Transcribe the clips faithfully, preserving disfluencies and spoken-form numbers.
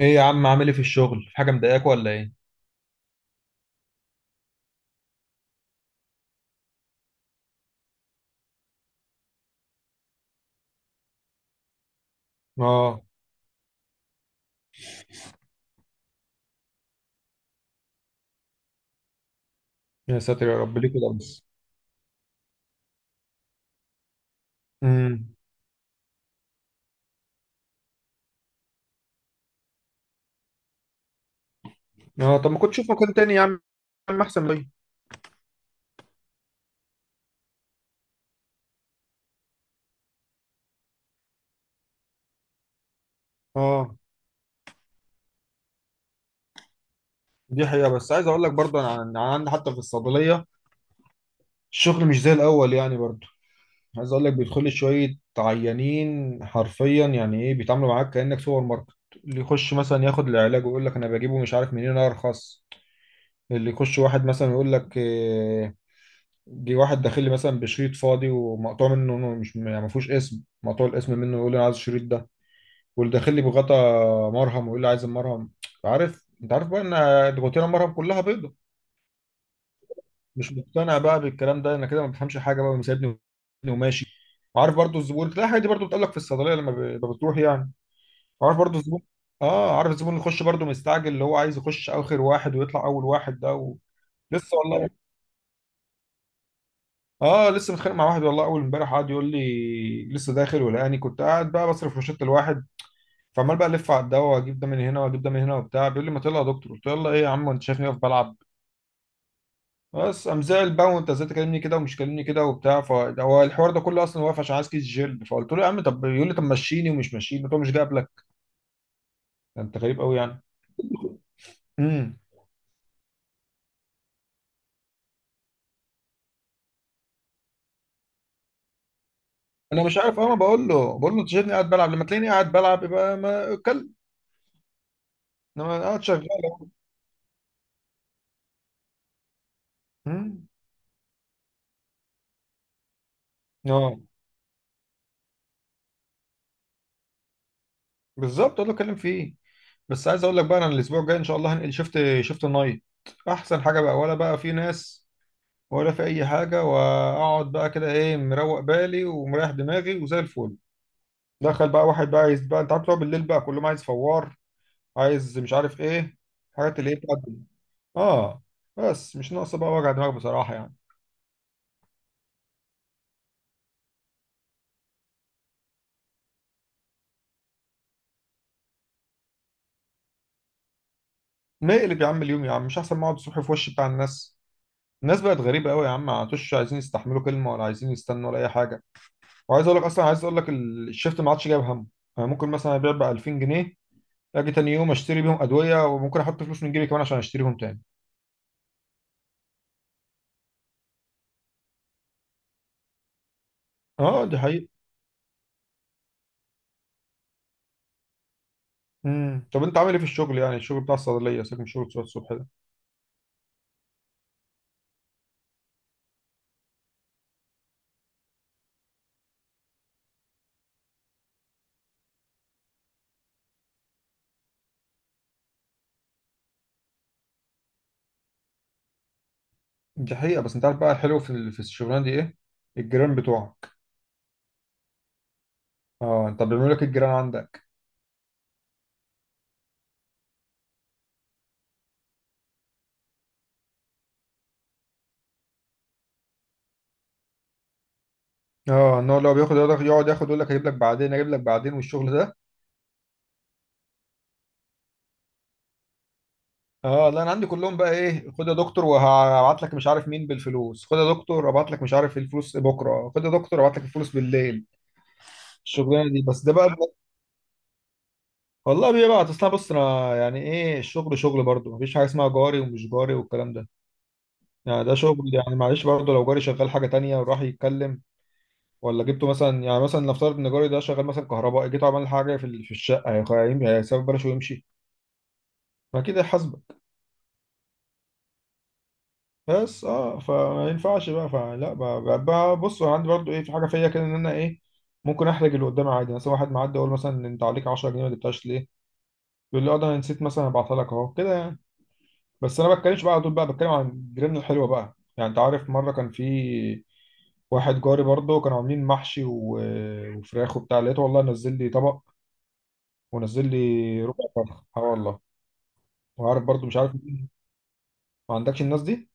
ايه يا عم، عامل ايه في الشغل؟ في حاجه مضايقاك ولا ايه؟ اه يا ساتر يا رب، ليه كده بس؟ امم اه، طب ما كنت اشوف مكان تاني يا عم، يا عم احسن، ليه؟ اه دي حقيقه، بس عايز اقول لك برضه انا عن- أنا عندي حتى في الصيدليه الشغل مش زي الاول يعني برضه. عايز اقول لك بيدخل لي شويه عيانين حرفيا، يعني ايه بيتعاملوا معاك كانك سوبر ماركت. اللي يخش مثلا ياخد العلاج ويقول لك انا بجيبه مش عارف منين ارخص. اللي يخش واحد مثلا يقول لك آه، جه واحد داخل لي مثلا بشريط فاضي ومقطوع منه، إنه مش يعني ما فيهوش اسم، مقطوع الاسم منه، يقول لي انا عايز الشريط ده. واللي داخل لي بغطا مرهم ويقول لي عايز المرهم، عارف، انت عارف بقى ان الغطيره المرهم كلها بيضه، مش مقتنع بقى بالكلام ده، انا كده ما بفهمش حاجه بقى ومسيبني وماشي. وعارف برضو الزبون، تلاقي الحاجات دي برضو بتقابلك في الصيدليه لما ب- بتروح يعني. عارف برضو الزبون، اه عارف الزبون اللي يخش برضو مستعجل، اللي هو عايز يخش اخر واحد ويطلع اول واحد، ده و... لسه والله. اه لسه متخانق مع واحد والله، اول امبارح قعد يقول لي لسه داخل، ولقاني كنت قاعد بقى بصرف روشته لواحد، فعمال بقى الف على الدواء، واجيب ده من هنا واجيب ده من هنا وبتاع، بيقول لي ما تلا يا دكتور، قلت له يلا ايه يا عم، انت شايفني واقف بلعب؟ بس قام زعل بقى، وانت ازاي تكلمني كده، ومش كلمني كده وبتاع، فهو الحوار ده كله اصلا واقف عشان عايز كيس جلد، فقلت له يا عم طب، يقول لي طب مشيني، ومش مشيني، قلت له مش جايب لك، ده انت غريب قوي يعني. امم انا مش عارف، انا بقول له، بقول له انت شايفني قاعد بلعب؟ لما تلاقيني قاعد بلعب يبقى ما اتكلم، انما أنا قاعد شغال أهو. امم اه بالظبط، هو اللي اتكلم فيه. بس عايز اقول لك بقى، انا الاسبوع الجاي ان شاء الله هنقل، شفت شفت نايت. احسن حاجه بقى، ولا بقى في ناس ولا في اي حاجه، واقعد بقى كده ايه، مروق بالي ومريح دماغي وزي الفل. دخل بقى واحد بقى عايز بقى، انت عارف بقى بالليل بقى كلهم عايز فوار، عايز مش عارف ايه، حاجات اللي هي بتاعت. اه، بس مش ناقصه بقى وجع دماغ بصراحه يعني. نقلب يا عم اليوم يا عم، مش احسن ما اقعد الصبح في وش بتاع الناس؟ الناس بقت غريبه قوي يا عم، ما عادوش عايزين يستحملوا كلمه، ولا عايزين يستنوا، ولا اي حاجه. وعايز اقول لك اصلا، عايز اقول لك ال- الشيفت ما عادش جايب همه. انا ممكن مثلا ابيع ب الفين جنيه، اجي تاني يوم اشتري بيهم ادويه، وممكن احط فلوس من جيبي كمان عشان اشتريهم تاني. اه دي حقيقة. امم طب انت عامل ايه في الشغل؟ يعني الشغل بتاع الصيدليه، سيبك من الشغل بتاع الصبح ده. دي حقيقة، بس انت عارف بقى الحلو في ال- في الشغلانه دي ايه؟ الجيران بتوعك. اه، انت بيعملوا لك الجيران عندك؟ اه، ان هو لو بياخد يقعد ياخد، يقول لك هجيب لك بعدين، اجيب لك بعدين، والشغل ده. اه لا، انا عندي كلهم بقى ايه، خد يا دكتور وهبعت لك مش عارف مين بالفلوس، خد يا دكتور ابعت لك مش عارف الفلوس بكره، خد يا دكتور ابعت لك الفلوس بالليل، الشغلانه دي بس ده بقى. والله بيبعت، اصل أنا بص، انا يعني ايه، الشغل شغل برضه، مفيش حاجه اسمها جاري ومش جاري والكلام ده. يعني ده شغل يعني، معلش برضه لو جاري شغال حاجه تانية وراح يتكلم، ولا جبته مثلا، يعني مثلا نفترض ان جاري ده شغال مثلا كهربائي، جيت عمل حاجه في في الشقه، هيخ- هيسيب بلاش ويمشي؟ ما كده. بس اه، فما ينفعش بقى، فلا ب- ب- بص انا عندي برضو ايه، في حاجه فيا كده، ان انا ايه، ممكن احرج اللي قدامي عادي، مثلا واحد معدي اقول مثلا، انت عليك عشرة جنيه، ما جبتهاش ليه؟ يقول لي اه ده انا نسيت مثلا ابعتها لك، اهو كده يعني. بس انا ما بتكلمش بقى على طول، بقى بتكلم عن جيراننا الحلوه بقى يعني، انت عارف، مره كان في واحد جاري برضه، كانوا عاملين محشي و- وفراخ وبتاع، لقيته والله نزل لي طبق، ونزل لي ربع فرخه، اه والله. وعارف برضه مش عارف مين. ما عندكش الناس دي؟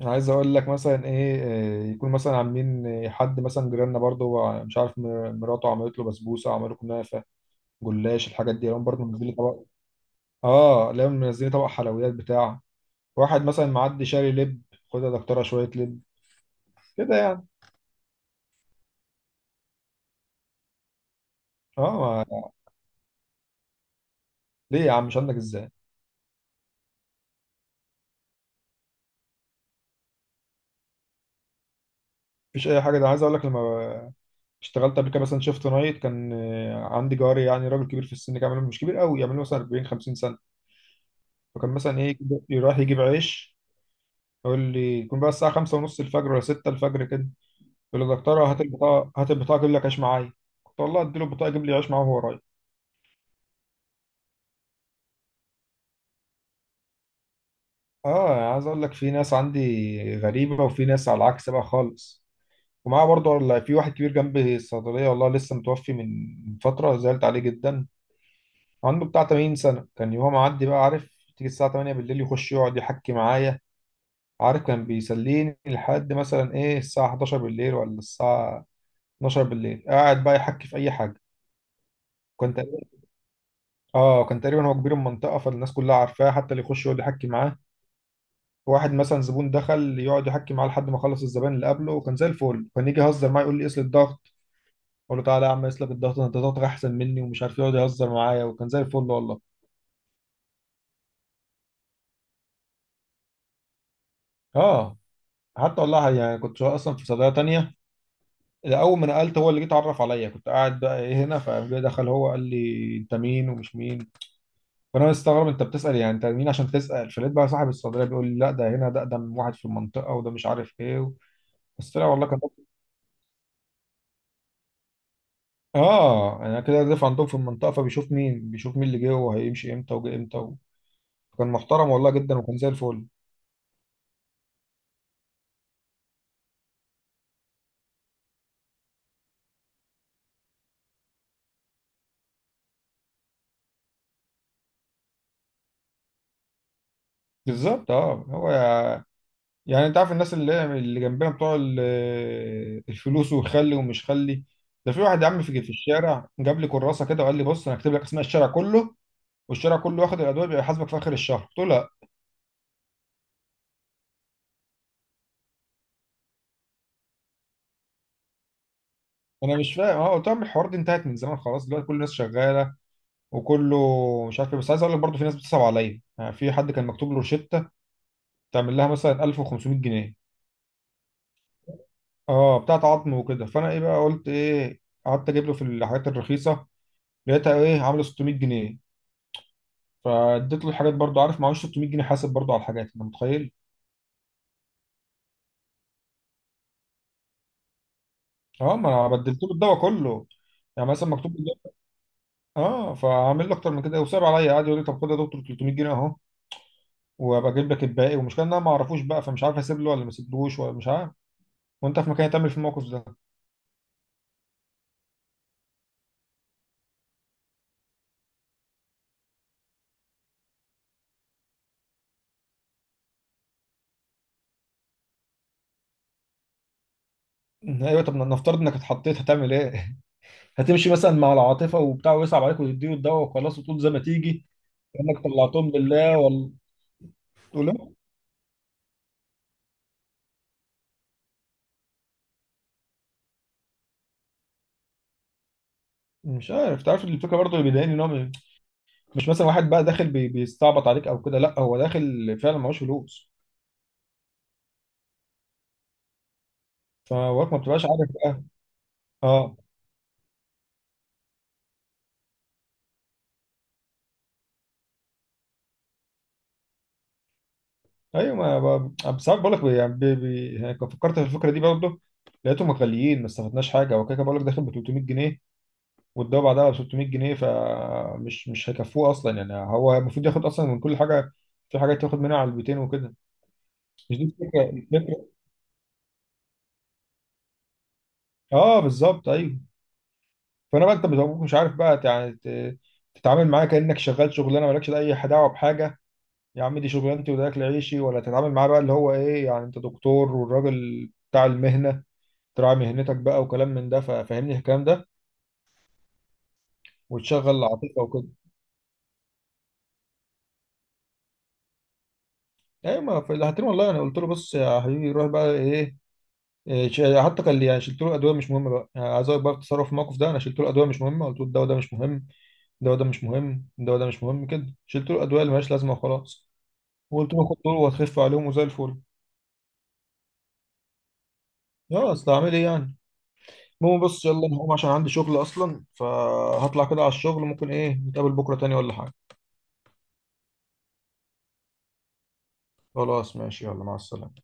انا عايز اقول لك مثلا ايه، آه، يكون مثلا عاملين آه، حد مثلا جيراننا برضه هو مش عارف، مر- مراته عملت له بسبوسه، عملوا كنافه، جلاش، الحاجات دي هم برضه منزلين طبق. اه لهم، منزلين طبق حلويات بتاع واحد مثلا معدي شاري لب، خد يا دكتوره شويه لب، كده يعني. اه ما... ليه يا عم مش عندك؟ ازاي مفيش اي حاجه؟ ده عايز اقول لك لما اشتغلت قبل كده مثلا شيفت نايت، كان آه، عندي جاري يعني راجل كبير في السن، كان عامل- مش كبير قوي، يعمل له مثلا اربعين خمسين سنه، فكان مثلا ايه، رايح يجيب عيش، يقول لي، يكون بقى الساعة خمسة ونص الفجر ولا ستة الفجر كده، يقول لي دكتورة هات البطاقة، هات البطاقة أجيب لك عيش معايا، كنت والله أديله البطاقة يجيب لي عيش معاه وهو رايح. آه يعني عايز أقول لك في ناس عندي غريبة، وفي ناس على العكس بقى خالص. ومعاه برضه، ولا في واحد كبير جنبي الصيدلية، والله لسه متوفي من فترة، زعلت عليه جدا، عنده بتاع تمانين سنة، كان يوم معدي بقى عارف، تيجي الساعة تمانية بالليل يخش يقعد يحكي معايا، عارف، كان بيسليني لحد مثلا إيه، الساعة احداشر بالليل ولا الساعة اتناشر بالليل قاعد بقى يحكي في أي حاجة. كنت، اه، كان تقريبا هو كبير المنطقه، فالناس كلها عارفاه، حتى اللي يخش يقعد يحكي معاه، واحد مثلا زبون دخل يقعد يحكي معاه لحد ما خلص الزبائن اللي قبله. وكان زي الفل، كان يجي يهزر معايا يقول لي قيس لي الضغط، اقول له تعالى يا عم قيس لك الضغط، انت ضغطك احسن مني ومش عارف إيه، يقعد يهزر معايا، وكان زي الفل والله. اه، حتى والله يعني كنت شغال اصلا في صيدليه تانية، اول ما نقلت هو اللي جه اتعرف عليا، كنت قاعد بقى ايه هنا، فدخل هو قال لي انت مين ومش مين، فانا مستغرب، انت بتسال يعني انت مين عشان تسال؟ فلقيت بقى صاحب الصيدليه بيقول لي لا ده هنا ده اقدم واحد في المنطقه، وده مش عارف ايه. بس طلع والله كان، اه يعني انا كده دافع عندهم في المنطقه، فبيشوف مين، بيشوف مين اللي جه وهيمشي امتى وجه امتى و... كان محترم والله جدا وكان زي الفل. بالظبط اه، هو يع- يعني انت عارف الناس اللي اللي جنبنا بتوع ال- الفلوس، وخلي ومش خلي، ده في واحد يا عم في في الشارع جاب لي كراسه كده، وقال لي بص، انا هكتب لك اسماء الشارع كله، والشارع كله واخد الادويه، بيبقى يحاسبك في اخر الشهر. قلت له لا انا مش فاهم، اه، قلت لهم الحوار ده انتهت من زمان خلاص، دلوقتي كل الناس شغاله، وكله مش عارف إيه. بس عايز اقول لك برضه في ناس بتصعب عليا، يعني في حد كان مكتوب له روشته تعمل لها مثلا الف وخمسمية جنيه، اه بتاعت عظم وكده، فانا ايه بقى، قلت ايه، قعدت اجيب له في الحاجات الرخيصه، لقيتها ايه عامله ستمية جنيه، فاديت له الحاجات برضو، عارف معهوش ستمية جنيه، حاسب برضو على الحاجات، انت متخيل؟ اه ما انا بدلت له الدواء كله، يعني مثلا مكتوب لي الدواء- اه فعامل له اكتر من كده، وصعب عليا قاعد يقول لي طب خد يا دكتور تلتمية جنيه اهو، وابقى اجيب لك الباقي، والمشكله ان انا ما اعرفوش بقى، فمش عارف اسيب له ولا ما اسيبلوش، ولا مش عارف، وانت في مكاني هتعمل في الموقف ده؟ ايوه طب نفترض انك اتحطيت هتعمل ايه؟ هتمشي مثلا مع العاطفه وبتاع ويصعب عليك وتديه الدواء وخلاص، وتقول زي ما تيجي، كانك طلعتهم لله، ولا ولا مش عارف. تعرف الفكره برضه اللي بيضايقني ان هو م- مش مثلا واحد بقى داخل بي- بيستعبط عليك او كده، لا هو داخل فعلا معهوش فلوس، فوقت ما بتبقاش عارف بقى. اه ايوه، ما ب- بس بقول لك يعني بي- بي- يعني كنت فكرت في الفكره دي برضه، لقيتهم غاليين، ما استفدناش حاجه، هو كده كده بقول لك داخل ب تلتمية جنيه، والدواء بعدها ب ستمية جنيه، فمش مش هيكفوه اصلا، يعني هو المفروض ياخد اصلا من كل حاجه، في حاجات ياخد منها على البيتين وكده. مش دي الفكره، الفكره اه بالظبط ايوه. فانا بقى انت بتبقى مش عارف بقى يعني ت- تتعامل معاه كانك شغال شغلانه مالكش اي دعوه بحاجه، يا عم دي شغلانتي وده اكل عيشي، ولا تتعامل معاه بقى، اللي هو ايه يعني انت دكتور والراجل بتاع المهنه، تراعي مهنتك بقى وكلام من ده، ففهمني الكلام ده، وتشغل العاطفه وكده. ايوه، ما في الهاتين والله انا قلت له بص يا حبيبي روح بقى ايه، إيه، ش- آه، حتى كان لي- يعني شلت له الادويه مش مهمه بقى، يعني عايز اقول بقى التصرف في الموقف ده، انا شلت له الادويه مش مهمه، قلت له الدواء ده مش مهم، الدواء ده مش مهم الدواء ده مش مهم كده، شلت له الادويه اللي مالهاش لازمه وخلاص، وقلت له خد دول وهتخف عليهم وزي الفل. يا اصل اعمل ايه يعني. المهم بص يلا، انا هقوم عشان عندي شغل اصلا، فهطلع كده على الشغل، ممكن ايه نتقابل بكره تاني ولا حاجه؟ خلاص ماشي، يلا مع السلامه.